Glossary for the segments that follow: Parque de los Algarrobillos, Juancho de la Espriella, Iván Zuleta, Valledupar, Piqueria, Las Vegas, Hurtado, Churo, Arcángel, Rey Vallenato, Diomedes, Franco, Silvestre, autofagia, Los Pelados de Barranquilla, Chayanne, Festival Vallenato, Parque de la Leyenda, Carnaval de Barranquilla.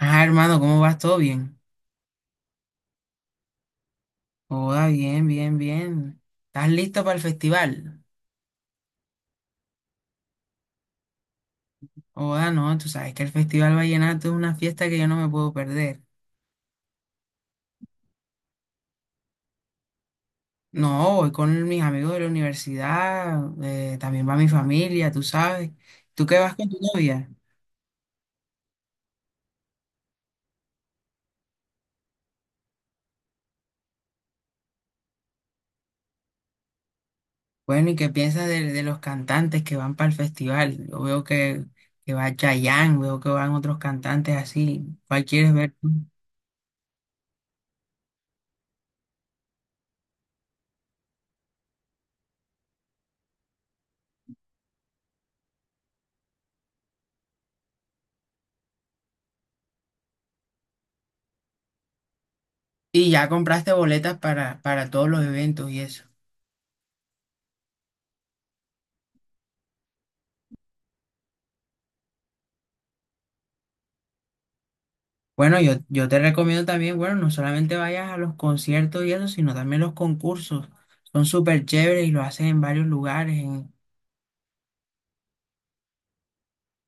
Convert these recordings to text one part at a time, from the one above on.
Ah, hermano, ¿cómo vas? ¿Todo bien? Oda, bien. ¿Estás listo para el festival? Oda, no, tú sabes que el Festival Vallenato es una fiesta que yo no me puedo perder. No, voy con mis amigos de la universidad, también va mi familia, tú sabes. ¿Tú qué vas con tu novia? Bueno, ¿y qué piensas de los cantantes que van para el festival? Yo veo que va Chayanne, veo que van otros cantantes así. ¿Cuál quieres ver tú? Y ya compraste boletas para todos los eventos y eso. Bueno, yo te recomiendo también, bueno, no solamente vayas a los conciertos y eso, sino también los concursos. Son súper chéveres y lo hacen en varios lugares, en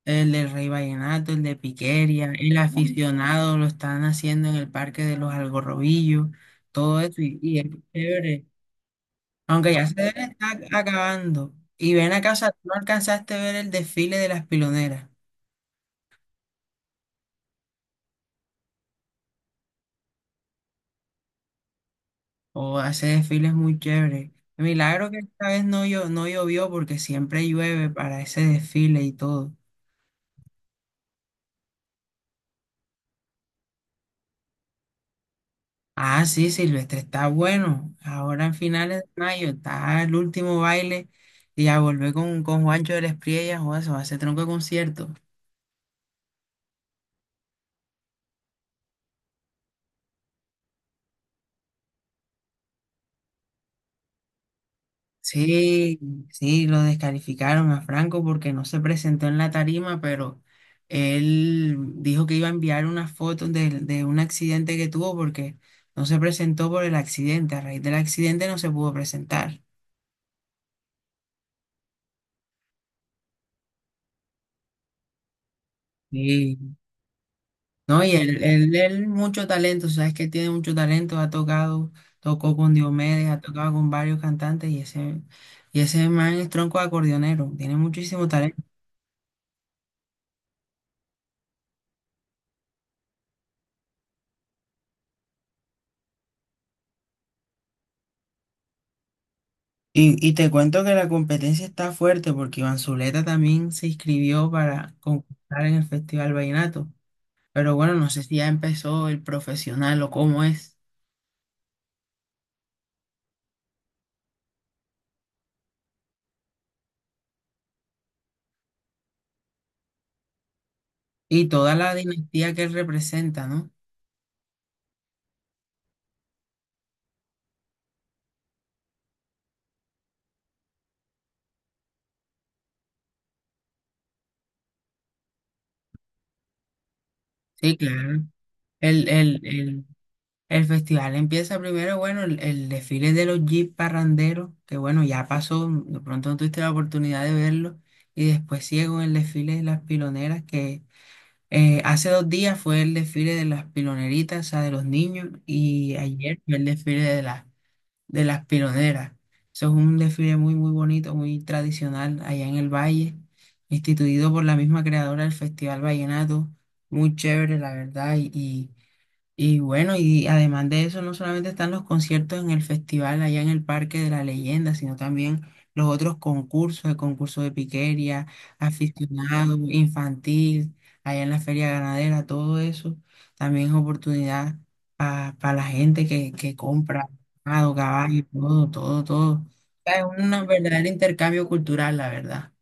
el del Rey Vallenato, el de Piqueria, el aficionado lo están haciendo en el Parque de los Algarrobillos, todo eso y es chévere. Aunque ya se debe estar acabando. Y ven acá, o sea, tú no alcanzaste a ver el desfile de las piloneras. O ese desfile es muy chévere. Milagro que esta vez no, no llovió porque siempre llueve para ese desfile y todo. Ah, sí, Silvestre, está bueno. Ahora en finales de mayo está el último baile y a volver con Juancho de la Espriella, o eso va a ser tronco de concierto. Sí, sí, lo descalificaron a Franco porque no se presentó en la tarima, pero él dijo que iba a enviar unas fotos de un accidente que tuvo porque no se presentó por el accidente. A raíz del accidente no se pudo presentar. Sí. No, y él mucho talento, sabes que tiene mucho talento, ha tocado, tocó con Diomedes, ha tocado con varios cantantes y ese man es tronco de acordeonero, tiene muchísimo talento. Y te cuento que la competencia está fuerte porque Iván Zuleta también se inscribió para concursar en el Festival Vallenato. Pero bueno, no sé si ya empezó el profesional o cómo es. Y toda la dinastía que él representa, ¿no? Sí, claro. El, el, el, el festival empieza primero, bueno, el desfile de los Jeep parranderos, que bueno, ya pasó, de pronto no tuviste la oportunidad de verlo. Y después sigue con el desfile de las piloneras que hace dos días fue el desfile de las piloneritas, o sea, de los niños, y ayer fue el desfile de las piloneras. Eso es un desfile muy bonito, muy tradicional allá en el Valle, instituido por la misma creadora del Festival Vallenato. Muy chévere, la verdad, y bueno, y además de eso, no solamente están los conciertos en el festival allá en el Parque de la Leyenda, sino también los otros concursos, el concurso de piquería, aficionado, infantil, allá en la feria ganadera, todo eso también es oportunidad para la gente que compra ganado, caballo, todo, todo, todo. Es un verdadero intercambio cultural, la verdad.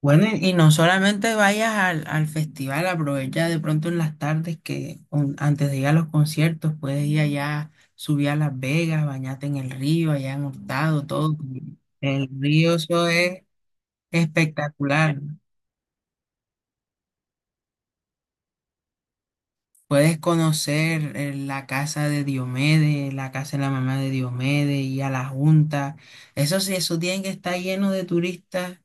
Bueno, y no solamente vayas al, al festival, aprovecha de pronto en las tardes que antes de ir a los conciertos puedes ir allá, subir a Las Vegas, bañarte en el río, allá en Hurtado, todo. El río, eso es espectacular. Puedes conocer la casa de Diomedes, la casa de la mamá de Diomedes y a la Junta. Eso sí, eso tiene que estar lleno de turistas.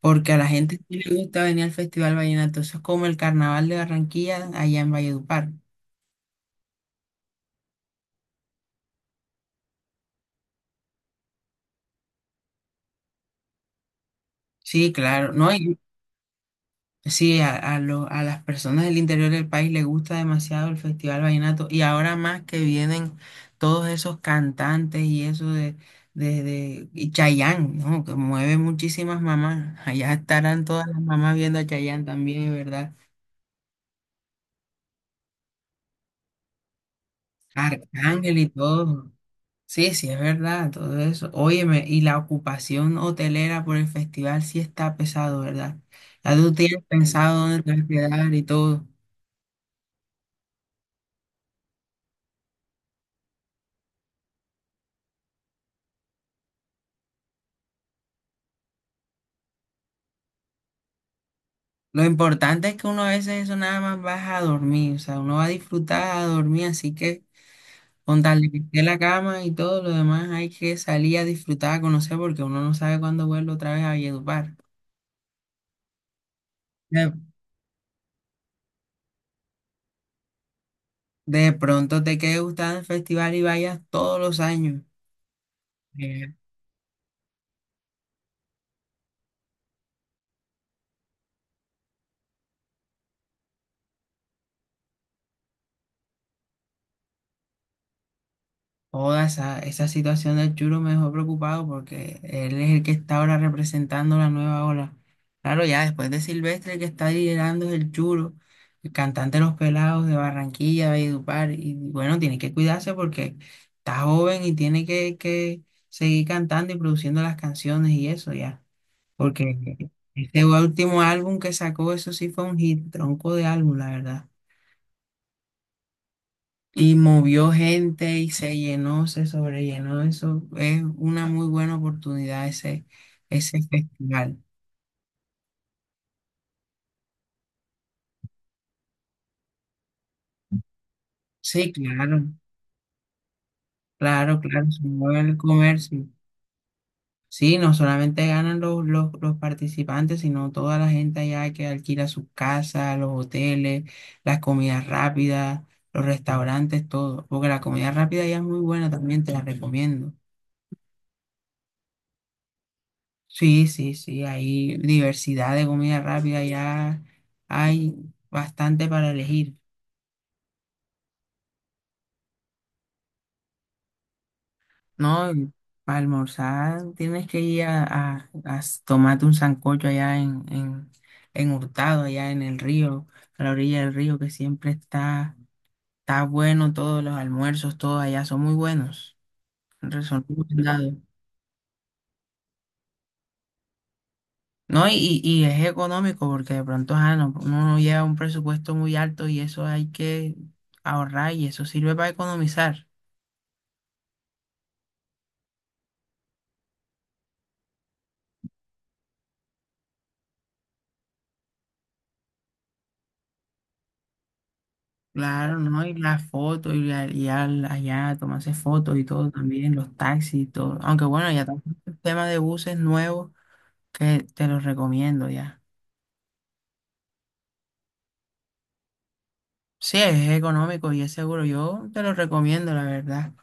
Porque a la gente sí le gusta venir al Festival Vallenato, eso es como el Carnaval de Barranquilla allá en Valledupar. Sí, claro, no, y sí, a las personas del interior del país les gusta demasiado el Festival Vallenato y ahora más que vienen todos esos cantantes y eso de y Chayanne, ¿no? Que mueve muchísimas mamás, allá estarán todas las mamás viendo a Chayanne también, es verdad, Arcángel y todo, sí, sí, es verdad, todo eso, óyeme, y la ocupación hotelera por el festival sí está pesado, ¿verdad? Ya tú tienes pensado dónde te vas a quedar y todo. Lo importante es que uno a veces eso nada más baja a dormir, o sea, uno va a disfrutar a dormir, así que con tal de que esté la cama y todo lo demás hay que salir a disfrutar, a conocer, porque uno no sabe cuándo vuelve otra vez a Valledupar. De, de pronto te quede gustando el festival y vayas todos los años. Toda esa situación del Churo me dejó preocupado porque él es el que está ahora representando la nueva ola. Claro, ya después de Silvestre, el que está liderando es el Churo, el cantante de Los Pelados de Barranquilla, Valledupar. Y bueno, tiene que cuidarse porque está joven y tiene que seguir cantando y produciendo las canciones y eso ya. Porque este último álbum que sacó, eso sí fue un hit, tronco de álbum, la verdad. Y movió gente y se llenó, se sobrellenó. Eso es una muy buena oportunidad, ese festival. Sí, claro, se mueve el comercio. Sí, no solamente ganan los participantes, sino toda la gente allá que alquila sus casas, los hoteles, las comidas rápidas, los restaurantes, todo. Porque la comida rápida ya es muy buena también, te la recomiendo. Sí, hay diversidad de comida rápida, ya hay bastante para elegir, ¿no? Y para almorzar tienes que ir a, tomarte un sancocho allá en Hurtado, allá en el río, a la orilla del río, que siempre está, está bueno, todos los almuerzos, todos allá son muy buenos, son recomendados. No, y es económico porque de pronto no, uno no lleva un presupuesto muy alto y eso hay que ahorrar y eso sirve para economizar. Claro, ¿no? Y las fotos y, allá tomarse fotos y todo también, los taxis y todo. Aunque bueno, ya tengo un tema de buses nuevos que te los recomiendo ya. Sí, es económico y es seguro. Yo te lo recomiendo, la verdad.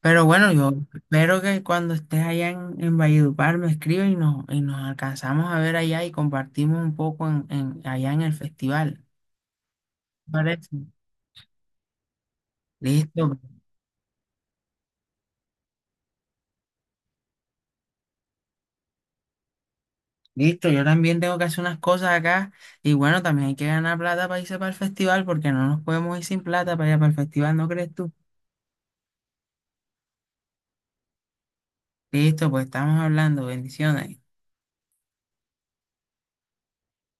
Pero bueno, yo espero que cuando estés allá en Valledupar me escribas y nos alcanzamos a ver allá y compartimos un poco en, allá en el festival. ¿Te parece? Listo, listo. Yo también tengo que hacer unas cosas acá y bueno, también hay que ganar plata para irse para el festival porque no nos podemos ir sin plata para allá para el festival, ¿no crees tú? Listo, pues estamos hablando. Bendiciones.